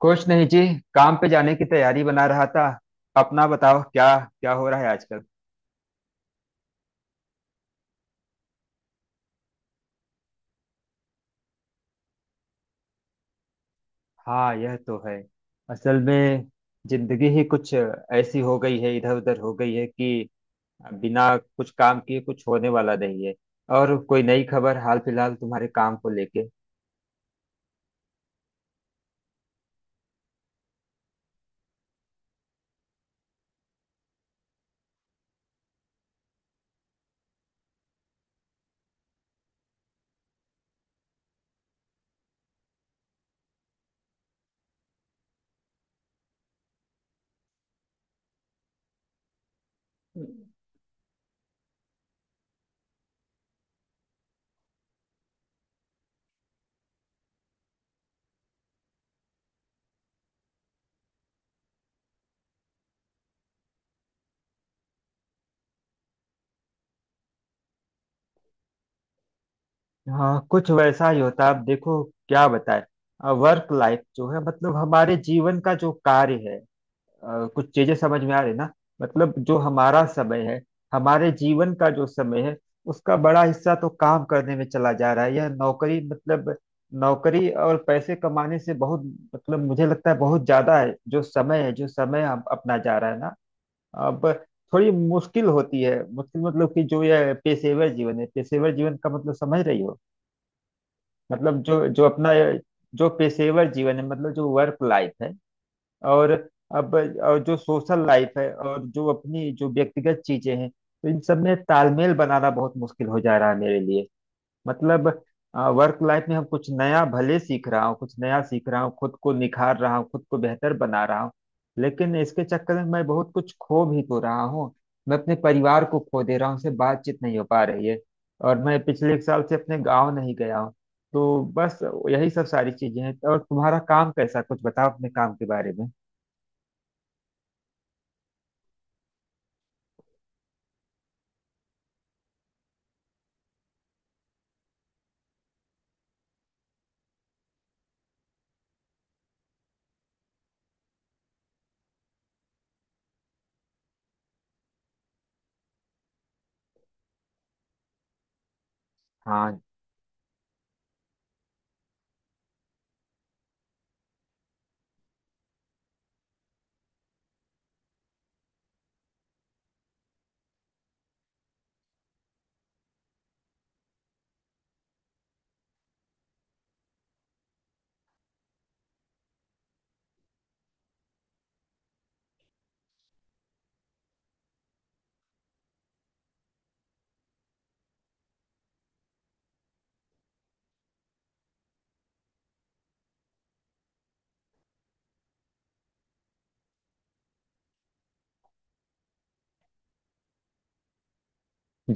कुछ नहीं जी। काम पे जाने की तैयारी बना रहा था। अपना बताओ। क्या क्या हो रहा है आजकल? हाँ यह तो है। असल में जिंदगी ही कुछ ऐसी हो गई है, इधर उधर हो गई है कि बिना कुछ काम किए कुछ होने वाला नहीं है। और कोई नई खबर हाल फिलहाल तुम्हारे काम को लेके? हाँ, कुछ वैसा ही होता है। अब देखो क्या बताए। वर्क लाइफ जो है मतलब हमारे जीवन का जो कार्य है, कुछ चीजें समझ में आ रही ना। मतलब जो हमारा समय है, हमारे जीवन का जो समय है, उसका बड़ा हिस्सा तो काम करने में चला जा रहा है। यह नौकरी मतलब नौकरी और पैसे कमाने से बहुत मतलब मुझे लगता है बहुत ज्यादा है, जो समय है, जो समय हम अपना जा रहा है ना। अब थोड़ी मुश्किल होती है। मुश्किल मतलब कि जो यह पेशेवर जीवन है, पेशेवर जीवन का मतलब समझ रही हो? मतलब जो जो अपना, जो पेशेवर जीवन है मतलब जो वर्क लाइफ है, और अब और जो सोशल लाइफ है और जो अपनी जो व्यक्तिगत चीजें हैं, तो इन सब में तालमेल बनाना बहुत मुश्किल हो जा रहा है मेरे लिए। मतलब वर्क लाइफ में हम कुछ नया भले सीख रहा हूँ, कुछ नया सीख रहा हूँ, खुद को निखार रहा हूँ, खुद को बेहतर बना रहा हूँ, लेकिन इसके चक्कर में मैं बहुत कुछ खो भी तो रहा हूँ। मैं अपने परिवार को खो दे रहा हूँ, उनसे बातचीत नहीं हो पा रही है। और मैं पिछले एक साल से अपने गाँव नहीं गया हूँ। तो बस यही सब सारी चीजें हैं। और तुम्हारा काम कैसा? कुछ बताओ अपने काम के बारे में। हाँ।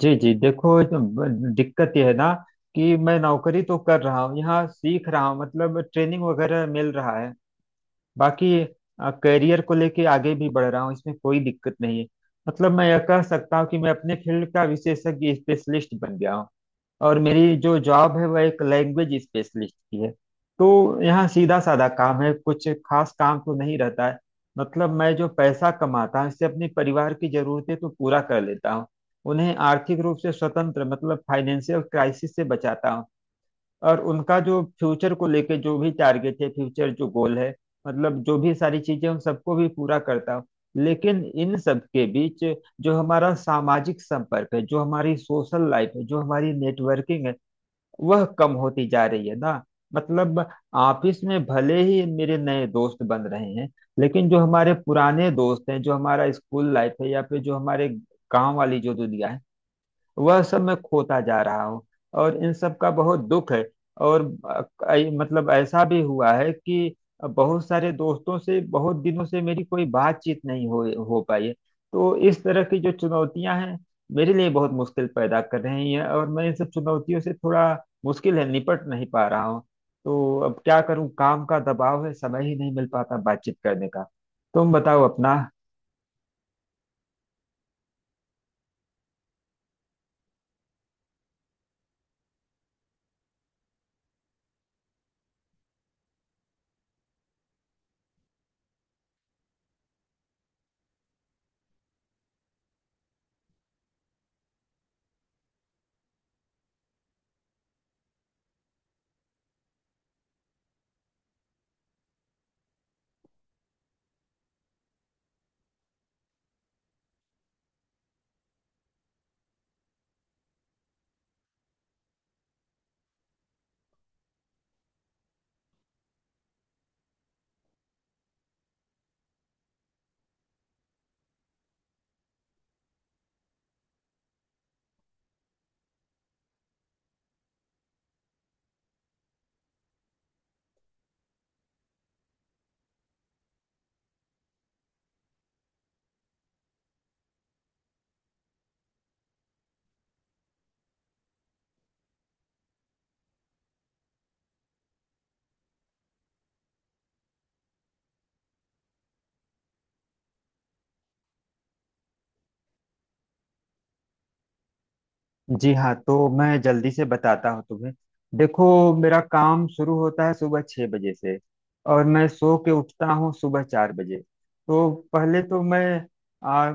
जी जी, देखो ये तो दिक्कत यह है ना कि मैं नौकरी तो कर रहा हूँ, यहाँ सीख रहा हूँ, मतलब ट्रेनिंग वगैरह मिल रहा है। बाकी करियर को लेके आगे भी बढ़ रहा हूँ, इसमें कोई दिक्कत नहीं है। मतलब मैं यह कह सकता हूँ कि मैं अपने फील्ड का विशेषज्ञ, स्पेशलिस्ट बन गया हूँ। और मेरी जो जॉब है वह एक लैंग्वेज स्पेशलिस्ट की है। तो यहाँ सीधा साधा काम है, कुछ खास काम तो नहीं रहता है। मतलब मैं जो पैसा कमाता हूँ इससे अपने परिवार की जरूरतें तो पूरा कर लेता हूँ, उन्हें आर्थिक रूप से स्वतंत्र मतलब फाइनेंशियल क्राइसिस से बचाता हूँ। और उनका जो फ्यूचर को लेके जो भी टारगेट है, फ्यूचर जो गोल है, मतलब जो भी सारी चीजें, उन सबको भी पूरा करता हूँ। लेकिन इन सब के बीच जो हमारा सामाजिक संपर्क है, जो हमारी सोशल लाइफ है, जो हमारी नेटवर्किंग है, वह कम होती जा रही है ना। मतलब ऑफिस में भले ही मेरे नए दोस्त बन रहे हैं, लेकिन जो हमारे पुराने दोस्त हैं, जो हमारा स्कूल लाइफ है या फिर जो हमारे गांव वाली जो दुनिया है, वह सब मैं खोता जा रहा हूँ। और इन सब का बहुत दुख है। और अ, मतलब ऐसा भी हुआ है कि बहुत सारे दोस्तों से बहुत दिनों से मेरी कोई बातचीत नहीं हो पाई है। तो इस तरह की जो चुनौतियां हैं, मेरे लिए बहुत मुश्किल पैदा कर रही हैं, और मैं इन सब चुनौतियों से थोड़ा, मुश्किल है, निपट नहीं पा रहा हूँ। तो अब क्या करूं, काम का दबाव है, समय ही नहीं मिल पाता बातचीत करने का। तुम बताओ अपना। जी हाँ, तो मैं जल्दी से बताता हूँ तुम्हें। देखो, मेरा काम शुरू होता है सुबह 6 बजे से। और मैं सो के उठता हूँ सुबह 4 बजे। तो पहले तो मैं आ,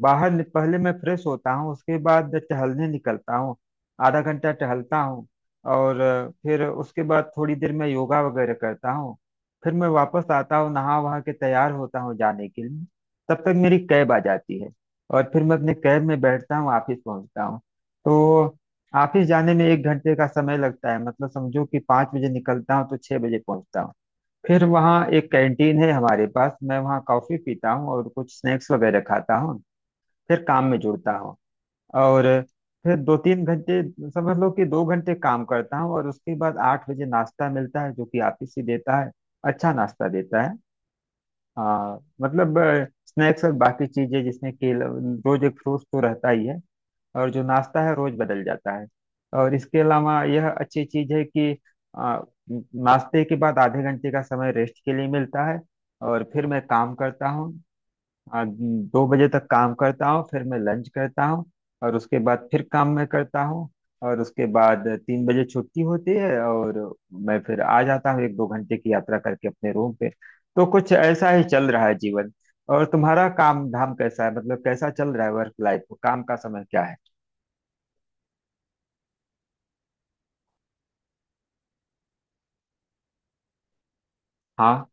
बाहर नि- पहले मैं फ्रेश होता हूँ, उसके बाद टहलने निकलता हूँ। आधा घंटा टहलता हूँ, और फिर उसके बाद थोड़ी देर मैं योगा वगैरह करता हूँ। फिर मैं वापस आता हूँ, नहा वहा के तैयार होता हूँ जाने के लिए, तब तक मेरी कैब आ जाती है। और फिर मैं अपने कैब में बैठता हूँ, ऑफिस पहुँचता हूँ। तो ऑफिस जाने में 1 घंटे का समय लगता है, मतलब समझो कि 5 बजे निकलता हूँ तो 6 बजे पहुंचता हूँ। फिर वहाँ एक कैंटीन है हमारे पास, मैं वहाँ कॉफी पीता हूँ और कुछ स्नैक्स वगैरह खाता हूँ। फिर काम में जुड़ता हूँ। और फिर दो तीन घंटे, समझ लो कि 2 घंटे काम करता हूँ, और उसके बाद 8 बजे नाश्ता मिलता है जो कि ऑफिस ही देता है। अच्छा नाश्ता देता है। हाँ मतलब, स्नैक्स और बाकी चीजें जिसमें केला, रोज एक फ्रूट तो रहता ही है, और जो नाश्ता है रोज बदल जाता है। और इसके अलावा यह अच्छी चीज है कि आ, नाश्ते के बाद आधे घंटे का समय रेस्ट के लिए मिलता है। और फिर मैं काम करता हूँ, 2 बजे तक काम करता हूँ, फिर मैं लंच करता हूँ, और उसके बाद फिर काम मैं करता हूँ, और उसके बाद 3 बजे छुट्टी होती है और मैं फिर आ जाता हूँ एक दो घंटे की यात्रा करके अपने रूम पे। तो कुछ ऐसा ही चल रहा है जीवन। और तुम्हारा काम धाम कैसा है, मतलब कैसा चल रहा है वर्क लाइफ? काम का समय क्या है? हाँ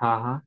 हाँ। हाँ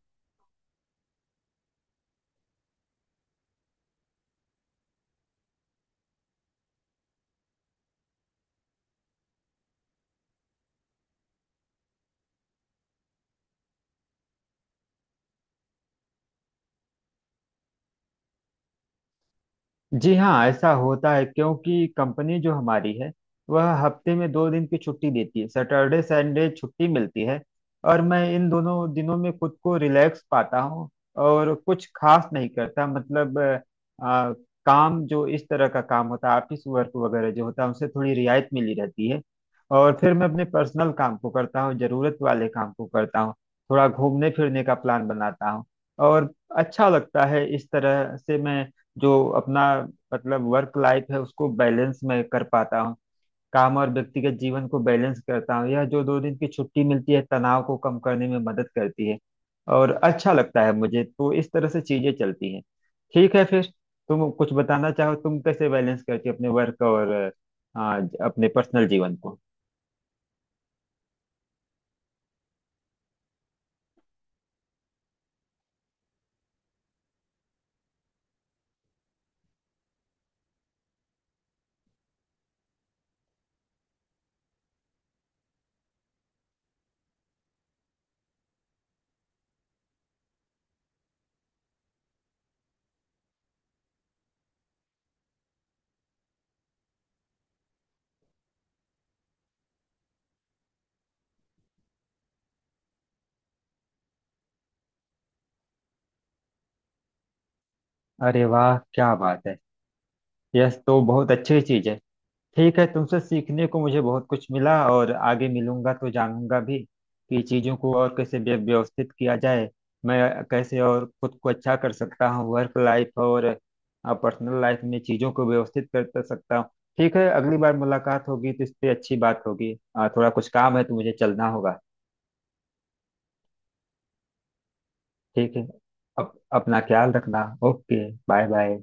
जी हाँ, ऐसा होता है क्योंकि कंपनी जो हमारी है वह हफ्ते में 2 दिन की छुट्टी देती है, सैटरडे संडे छुट्टी मिलती है। और मैं इन दोनों दिनों में खुद को रिलैक्स पाता हूँ, और कुछ खास नहीं करता। मतलब काम जो इस तरह का काम होता है, ऑफिस वर्क वगैरह जो होता है, उनसे थोड़ी रियायत मिली रहती है। और फिर मैं अपने पर्सनल काम को करता हूँ, जरूरत वाले काम को करता हूँ, थोड़ा घूमने फिरने का प्लान बनाता हूँ। और अच्छा लगता है। इस तरह से मैं जो अपना मतलब वर्क लाइफ है उसको बैलेंस में कर पाता हूँ। काम और व्यक्तिगत जीवन को बैलेंस करता हूँ, यह जो 2 दिन की छुट्टी मिलती है तनाव को कम करने में मदद करती है। और अच्छा लगता है मुझे, तो इस तरह से चीजें चलती हैं। ठीक है फिर, तुम कुछ बताना चाहो, तुम कैसे बैलेंस करती हो अपने वर्क और अपने पर्सनल जीवन को? अरे वाह क्या बात है। यह तो बहुत अच्छी चीज है। ठीक है, तुमसे सीखने को मुझे बहुत कुछ मिला, और आगे मिलूंगा तो जानूंगा भी कि चीजों को और कैसे व्यवस्थित किया जाए, मैं कैसे और खुद को अच्छा कर सकता हूँ, वर्क लाइफ और पर्सनल लाइफ में चीजों को व्यवस्थित कर कर सकता हूँ। ठीक है, अगली बार मुलाकात होगी तो इस पे अच्छी बात होगी। थोड़ा कुछ काम है तो मुझे चलना होगा। ठीक है। अपना ख्याल रखना। Okay bye bye.